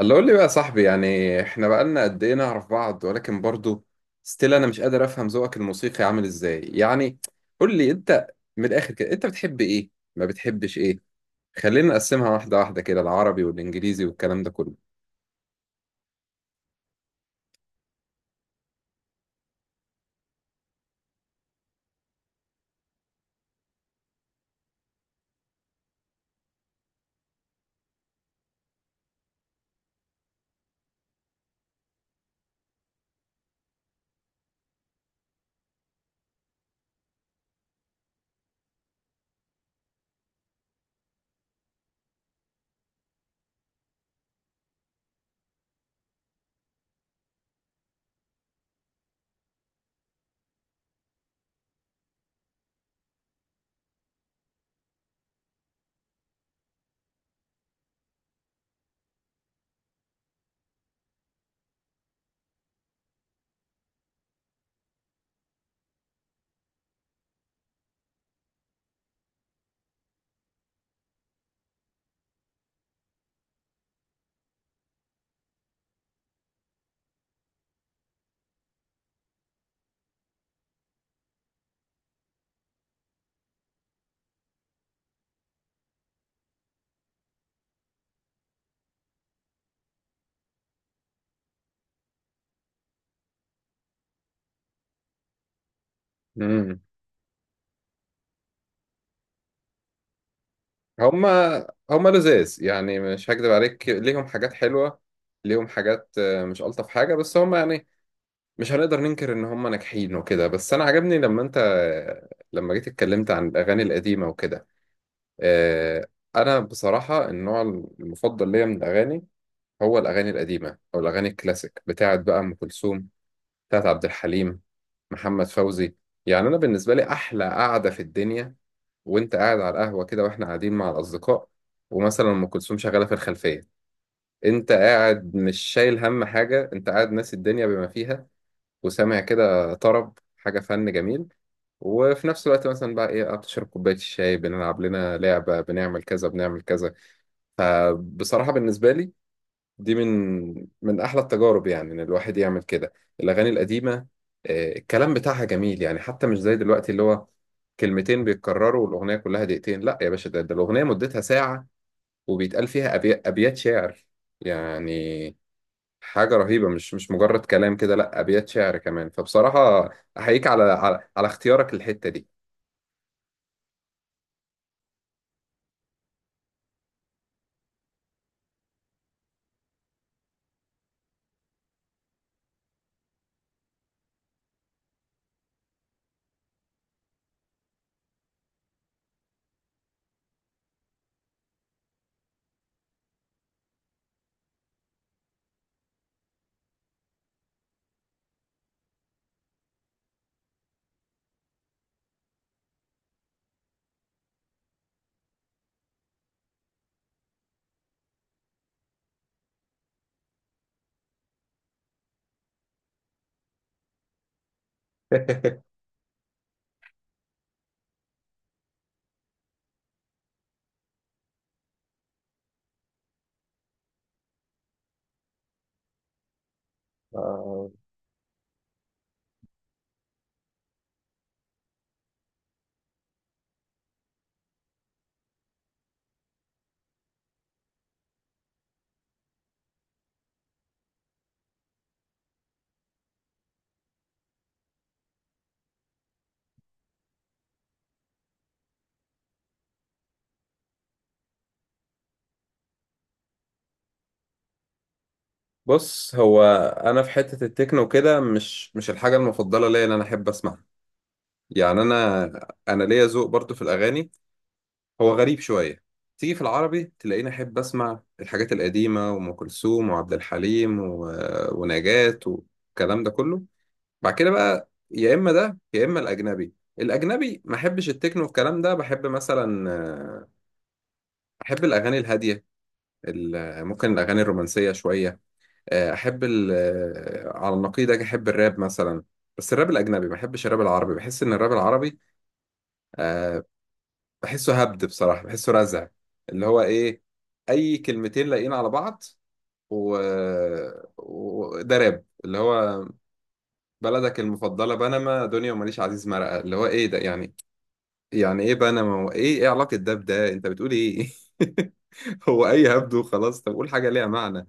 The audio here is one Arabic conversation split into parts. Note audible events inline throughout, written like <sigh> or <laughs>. الله، قول لي بقى يا صاحبي. يعني احنا بقالنا قد ايه نعرف بعض، ولكن برضو ستيل انا مش قادر افهم ذوقك الموسيقي عامل ازاي. يعني قول لي انت من الاخر كده: انت بتحب ايه، ما بتحبش ايه؟ خلينا نقسمها واحده واحده كده، العربي والانجليزي والكلام ده كله. امم هما هما لذاذ يعني، مش هكدب عليك. ليهم حاجات حلوه، ليهم حاجات، مش الطف حاجه، بس هما يعني مش هنقدر ننكر ان هما ناجحين وكده. بس انا عجبني لما انت، لما جيت اتكلمت عن الاغاني القديمه وكده. آه، انا بصراحه النوع المفضل ليا من الاغاني هو الاغاني القديمه، او الاغاني الكلاسيك بتاعت بقى ام كلثوم، بتاعت عبد الحليم، محمد فوزي. يعني انا بالنسبه لي احلى قعده في الدنيا وانت قاعد على القهوه كده، واحنا قاعدين مع الاصدقاء، ومثلا ام كلثوم شغاله في الخلفيه. انت قاعد مش شايل هم حاجه، انت قاعد ناسي الدنيا بما فيها، وسامع كده طرب، حاجه فن جميل. وفي نفس الوقت مثلا بقى ايه، بتشرب كوبايه الشاي، بنلعب لنا لعبه، بنعمل كذا بنعمل كذا. فبصراحة بالنسبة لي دي من أحلى التجارب، يعني إن الواحد يعمل كده. الأغاني القديمة، الكلام بتاعها جميل، يعني حتى مش زي دلوقتي اللي هو كلمتين بيتكرروا والأغنية كلها دقيقتين. لا يا باشا، ده الأغنية مدتها ساعة، وبيتقال فيها أبيات شعر. يعني حاجة رهيبة، مش مجرد كلام كده، لا، أبيات شعر كمان. فبصراحة أحييك على على اختيارك للحتة دي. <laughs> بص، هو انا في حته التكنو كده مش الحاجه المفضله ليا اللي انا احب اسمعها. يعني انا ليا ذوق برضو في الاغاني، هو غريب شويه. تيجي في العربي تلاقيني احب اسمع الحاجات القديمه وام كلثوم وعبد الحليم ونجاة والكلام ده كله. بعد كده بقى يا اما ده، يا اما الاجنبي. الاجنبي ما احبش التكنو والكلام ده، بحب مثلا، احب الاغاني الهاديه، ممكن الاغاني الرومانسيه شويه. احب ال آه، على النقيض اجي احب الراب مثلا. بس الراب الاجنبي، ما احبش الراب العربي، بحس ان الراب العربي أه بحسه هبد، بصراحه بحسه رزع. اللي هو ايه؟ اي كلمتين لاقيين على بعض، و... وده راب اللي هو: بلدك المفضله بنما، دنيا وماليش عزيز مرقه. اللي هو ايه ده يعني؟ يعني ايه بنما، وايه ايه علاقه ده بده؟ انت بتقول ايه؟ <laughs> هو اي هبد وخلاص. طب قول حاجه ليها معنى.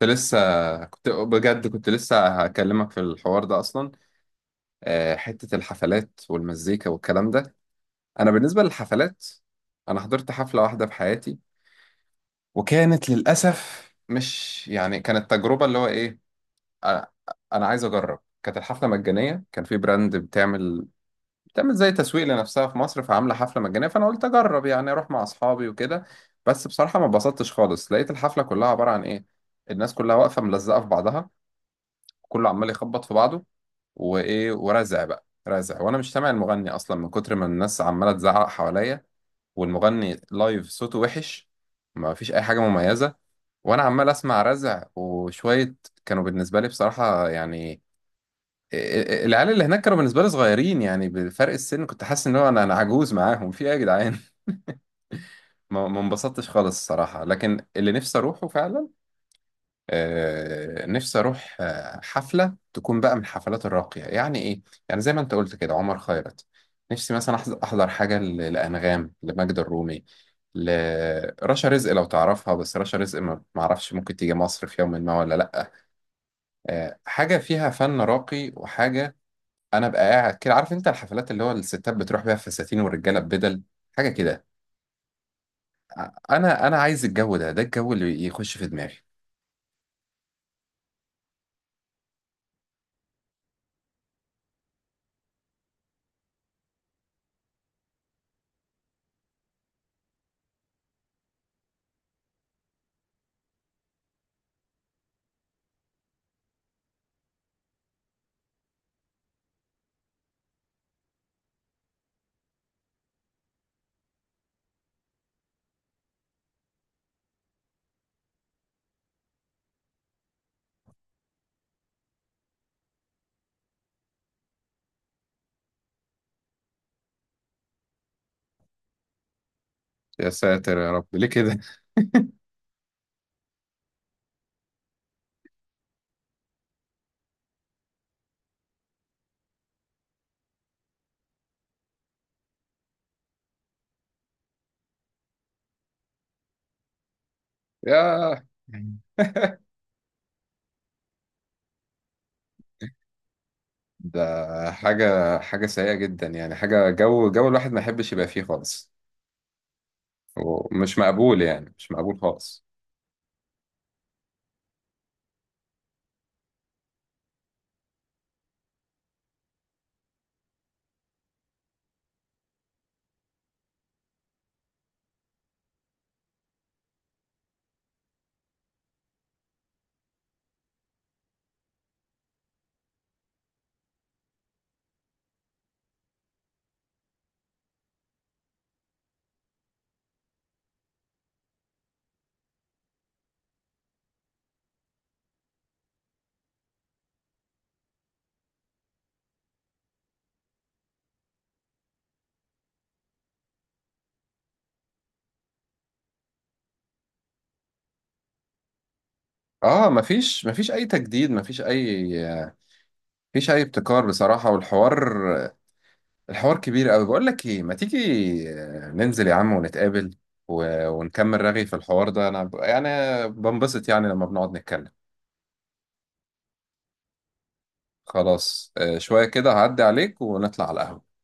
كنت لسه كنت بجد، كنت لسه هكلمك في الحوار ده اصلا، حتة الحفلات والمزيكا والكلام ده. أنا بالنسبة للحفلات، أنا حضرت حفلة واحدة في حياتي، وكانت للأسف مش يعني، كانت تجربة اللي هو إيه. أنا أنا عايز أجرب. كانت الحفلة مجانية، كان في براند بتعمل زي تسويق لنفسها في مصر، فعاملة حفلة مجانية، فأنا قلت أجرب يعني أروح مع أصحابي وكده. بس بصراحة ما اتبسطتش خالص، لقيت الحفلة كلها عبارة عن إيه: الناس كلها واقفة ملزقة في بعضها، كله عمال يخبط في بعضه، وايه، ورزع بقى رزع، وانا مش سامع المغني اصلا من كتر ما الناس عماله تزعق حواليا. والمغني لايف صوته وحش، ما فيش اي حاجه مميزه، وانا عمال اسمع رزع وشويه. كانوا بالنسبه لي بصراحه، يعني العيال اللي هناك كانوا بالنسبه لي صغيرين، يعني بفرق السن كنت حاسس ان هو انا عجوز معاهم. في ايه يا جدعان؟ <laughs> ما انبسطتش خالص الصراحه. لكن اللي نفسي اروحه فعلا، نفسي اروح حفله تكون بقى من الحفلات الراقيه، يعني ايه، يعني زي ما انت قلت كده عمر خيرت. نفسي مثلا احضر حاجه لانغام، لماجدة الرومي، لرشا رزق لو تعرفها، بس رشا رزق ما اعرفش ممكن تيجي مصر في يوم ما ولا لا. حاجه فيها فن راقي وحاجه. انا بقى قاعد كده عارف انت الحفلات اللي هو الستات بتروح بيها فساتين، والرجاله ببدل، حاجه كده. انا عايز الجو ده، الجو اللي يخش في دماغي. يا ساتر يا رب ليه كده؟ يا <laughs> ده حاجة، سيئة جدا، يعني حاجة جو، الواحد ما يحبش يبقى فيه خالص. ومش مقبول، يعني مش مقبول خالص. اه، مفيش اي تجديد، مفيش اي ابتكار بصراحة. والحوار، الحوار كبير قوي. بقول لك ايه، ما تيجي ننزل يا عم ونتقابل ونكمل رغي في الحوار ده. انا يعني بنبسط يعني لما بنقعد نتكلم. خلاص، شوية كده هعدي عليك ونطلع على القهوة.